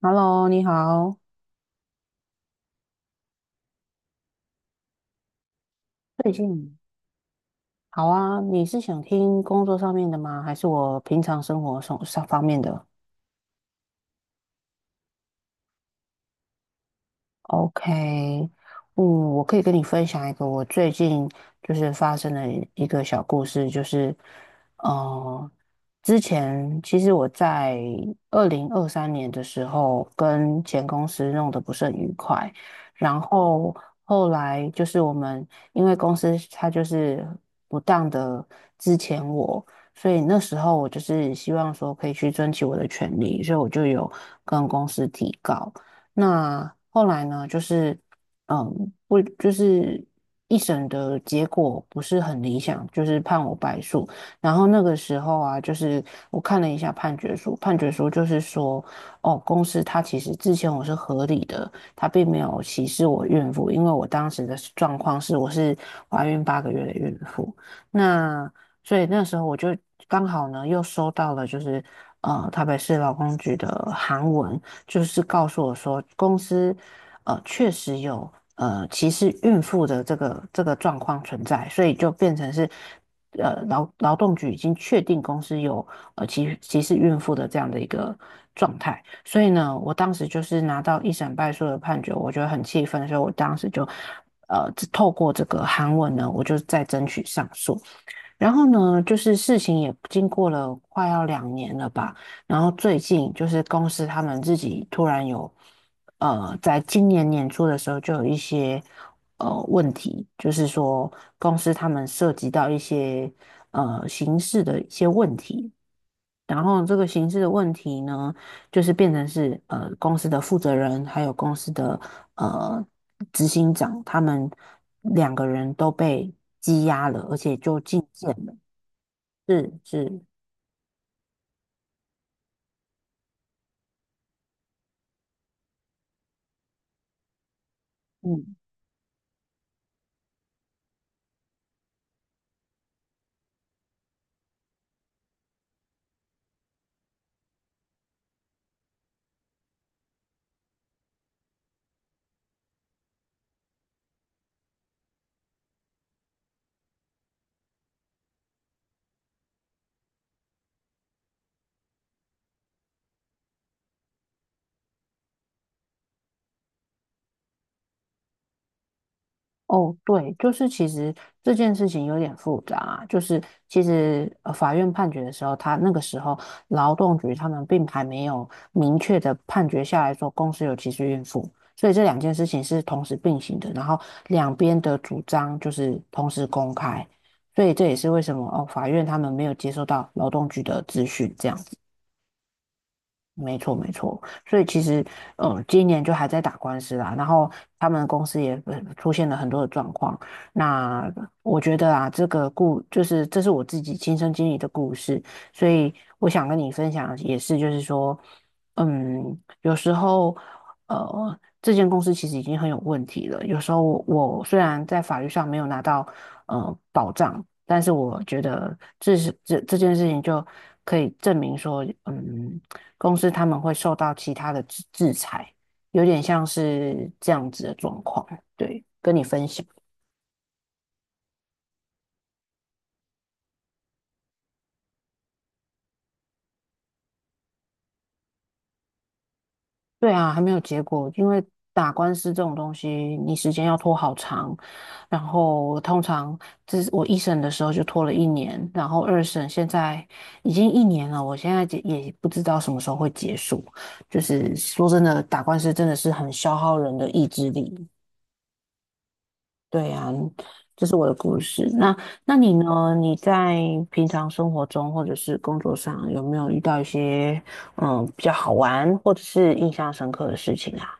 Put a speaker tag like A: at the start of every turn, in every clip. A: Hello，你好，最近好啊，你是想听工作上面的吗？还是我平常生活上方面的？OK，嗯，我可以跟你分享一个我最近就是发生的一个小故事，就是，呃，之前其实我在2023年的时候跟前公司弄得不是很愉快，然后后来就是我们因为公司它就是不当的之前我，所以那时候我就是希望说可以去争取我的权利，所以我就有跟公司提告。那后来呢，就是不就是一审的结果不是很理想，就是判我败诉。然后那个时候啊，就是我看了一下判决书，判决书就是说，哦，公司它其实之前我是合理的，它并没有歧视我孕妇，因为我当时的状况是我是怀孕8个月的孕妇。那所以那时候我就刚好呢，又收到了就是台北市劳工局的函文。就是告诉我说，公司确实有歧视孕妇的这个状况存在，所以就变成是劳动局已经确定公司有歧视孕妇的这样的一个状态。所以呢，我当时就是拿到一审败诉的判决，我觉得很气愤，所以我当时就透过这个韩文呢，我就再争取上诉。然后呢，就是事情也经过了快要2年了吧，然后最近就是公司他们自己突然有，在今年年初的时候就有一些问题，就是说公司他们涉及到一些刑事的一些问题，然后这个刑事的问题呢，就是变成是公司的负责人还有公司的呃执行长他们两个人都被羁押了，而且就进监了。是是，嗯，哦，对，就是其实这件事情有点复杂啊，就是其实法院判决的时候，他那个时候劳动局他们并还没有明确的判决下来说公司有歧视孕妇，所以这两件事情是同时并行的，然后两边的主张就是同时公开，所以这也是为什么哦，法院他们没有接收到劳动局的资讯，这样。没错，没错，所以其实，今年就还在打官司啦，然后他们公司也出现了很多的状况。那我觉得啊，这个故就是这是我自己亲身经历的故事，所以我想跟你分享，也是就是说，嗯，有时候，这间公司其实已经很有问题了。有时候我，我虽然在法律上没有拿到保障，但是我觉得这是这这件事情就可以证明说，嗯。公司他们会受到其他的制裁，有点像是这样子的状况。对，跟你分享。对啊，还没有结果，因为打官司这种东西，你时间要拖好长，然后通常这是我一审的时候就拖了一年，然后二审现在已经一年了，我现在也不知道什么时候会结束。就是说真的，打官司真的是很消耗人的意志力。对呀，这是我的故事。那你呢？你在平常生活中或者是工作上有没有遇到一些比较好玩或者是印象深刻的事情啊？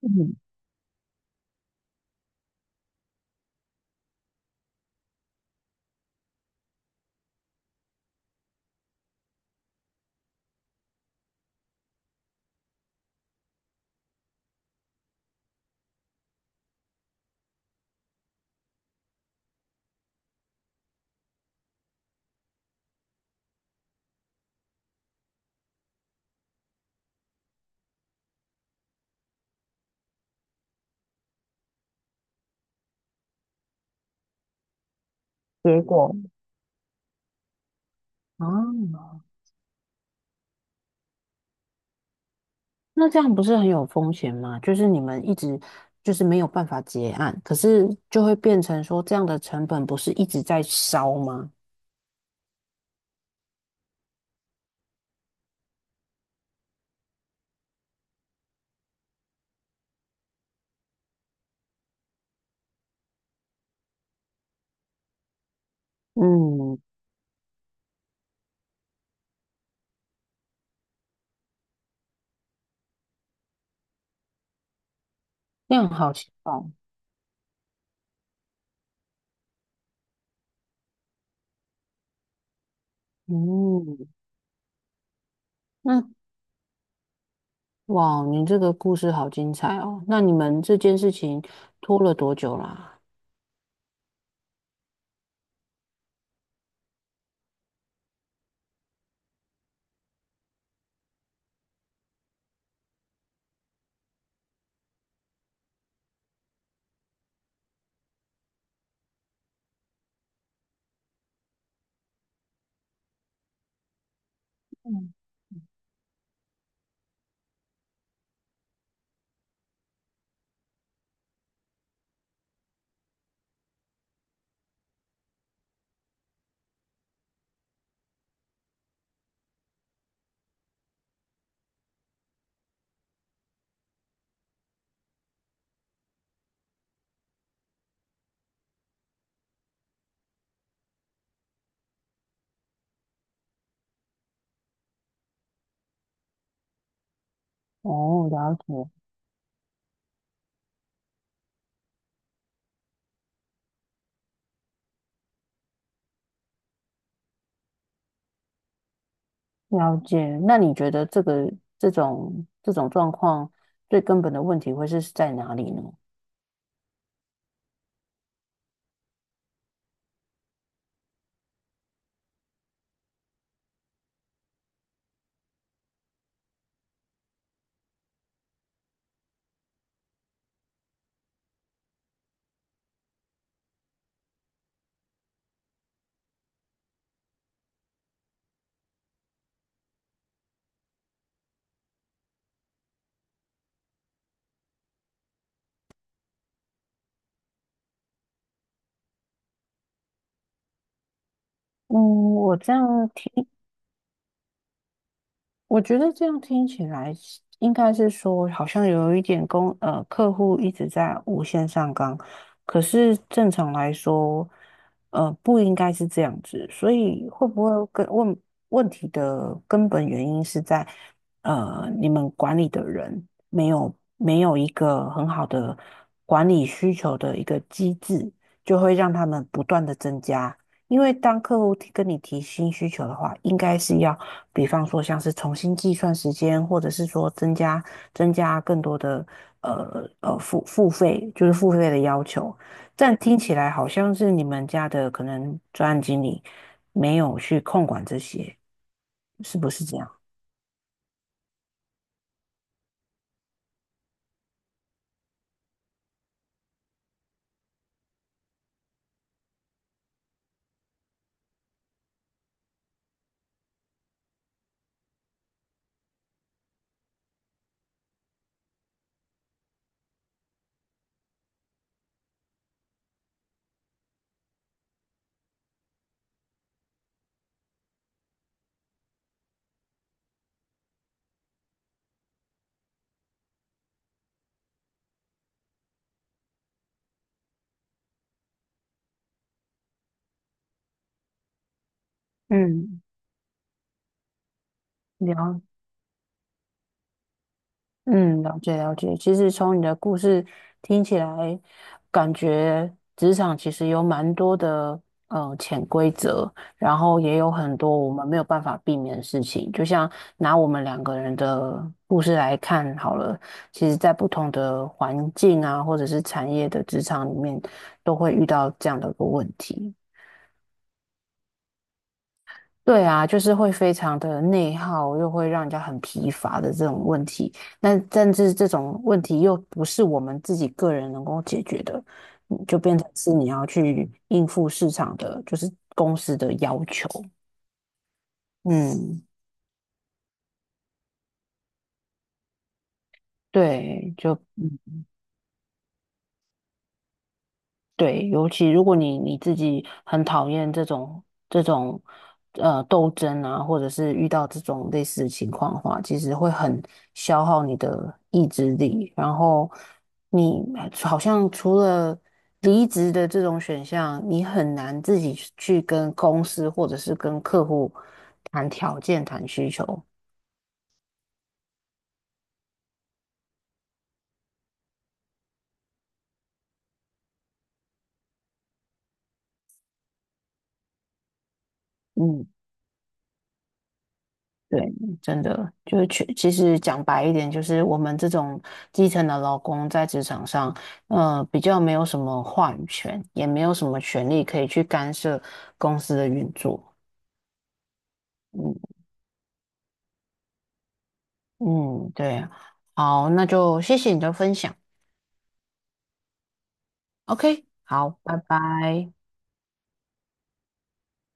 A: 嗯，结果啊，那这样不是很有风险吗？就是你们一直就是没有办法结案，可是就会变成说这样的成本不是一直在烧吗？嗯，那样好奇怪。嗯，那哇，你这个故事好精彩哦！那你们这件事情拖了多久啦？嗯，哦，了解了解。那你觉得这种状况最根本的问题会是在哪里呢？嗯，我这样听我觉得这样听起来是应该是说，好像有一点客户一直在无限上纲，可是正常来说，不应该是这样子，所以会不会跟问题的根本原因是在你们管理的人没有一个很好的管理需求的一个机制，就会让他们不断的增加。因为当客户跟你提新需求的话，应该是要比方说像是重新计算时间，或者是说增加更多的付费，就是付费的要求。但听起来好像是你们家的可能专案经理没有去控管这些，是不是这样？嗯，聊。嗯，了解了解。其实从你的故事听起来，感觉职场其实有蛮多的潜规则，然后也有很多我们没有办法避免的事情。就像拿我们两个人的故事来看好了，其实在不同的环境啊，或者是产业的职场里面，都会遇到这样的一个问题。对啊，就是会非常的内耗，又会让人家很疲乏的这种问题。那甚至这种问题又不是我们自己个人能够解决的，就变成是你要去应付市场的，就是公司的要求。嗯，对，对，尤其如果你自己很讨厌这种斗争啊，或者是遇到这种类似的情况的话，其实会很消耗你的意志力。然后你好像除了离职的这种选项，你很难自己去跟公司或者是跟客户谈条件、谈需求。嗯。对，真的就是去，其实讲白一点，就是我们这种基层的劳工在职场上，比较没有什么话语权，也没有什么权利可以去干涉公司的运作。嗯嗯，对啊好，那就谢谢你的分享。OK，好，拜拜。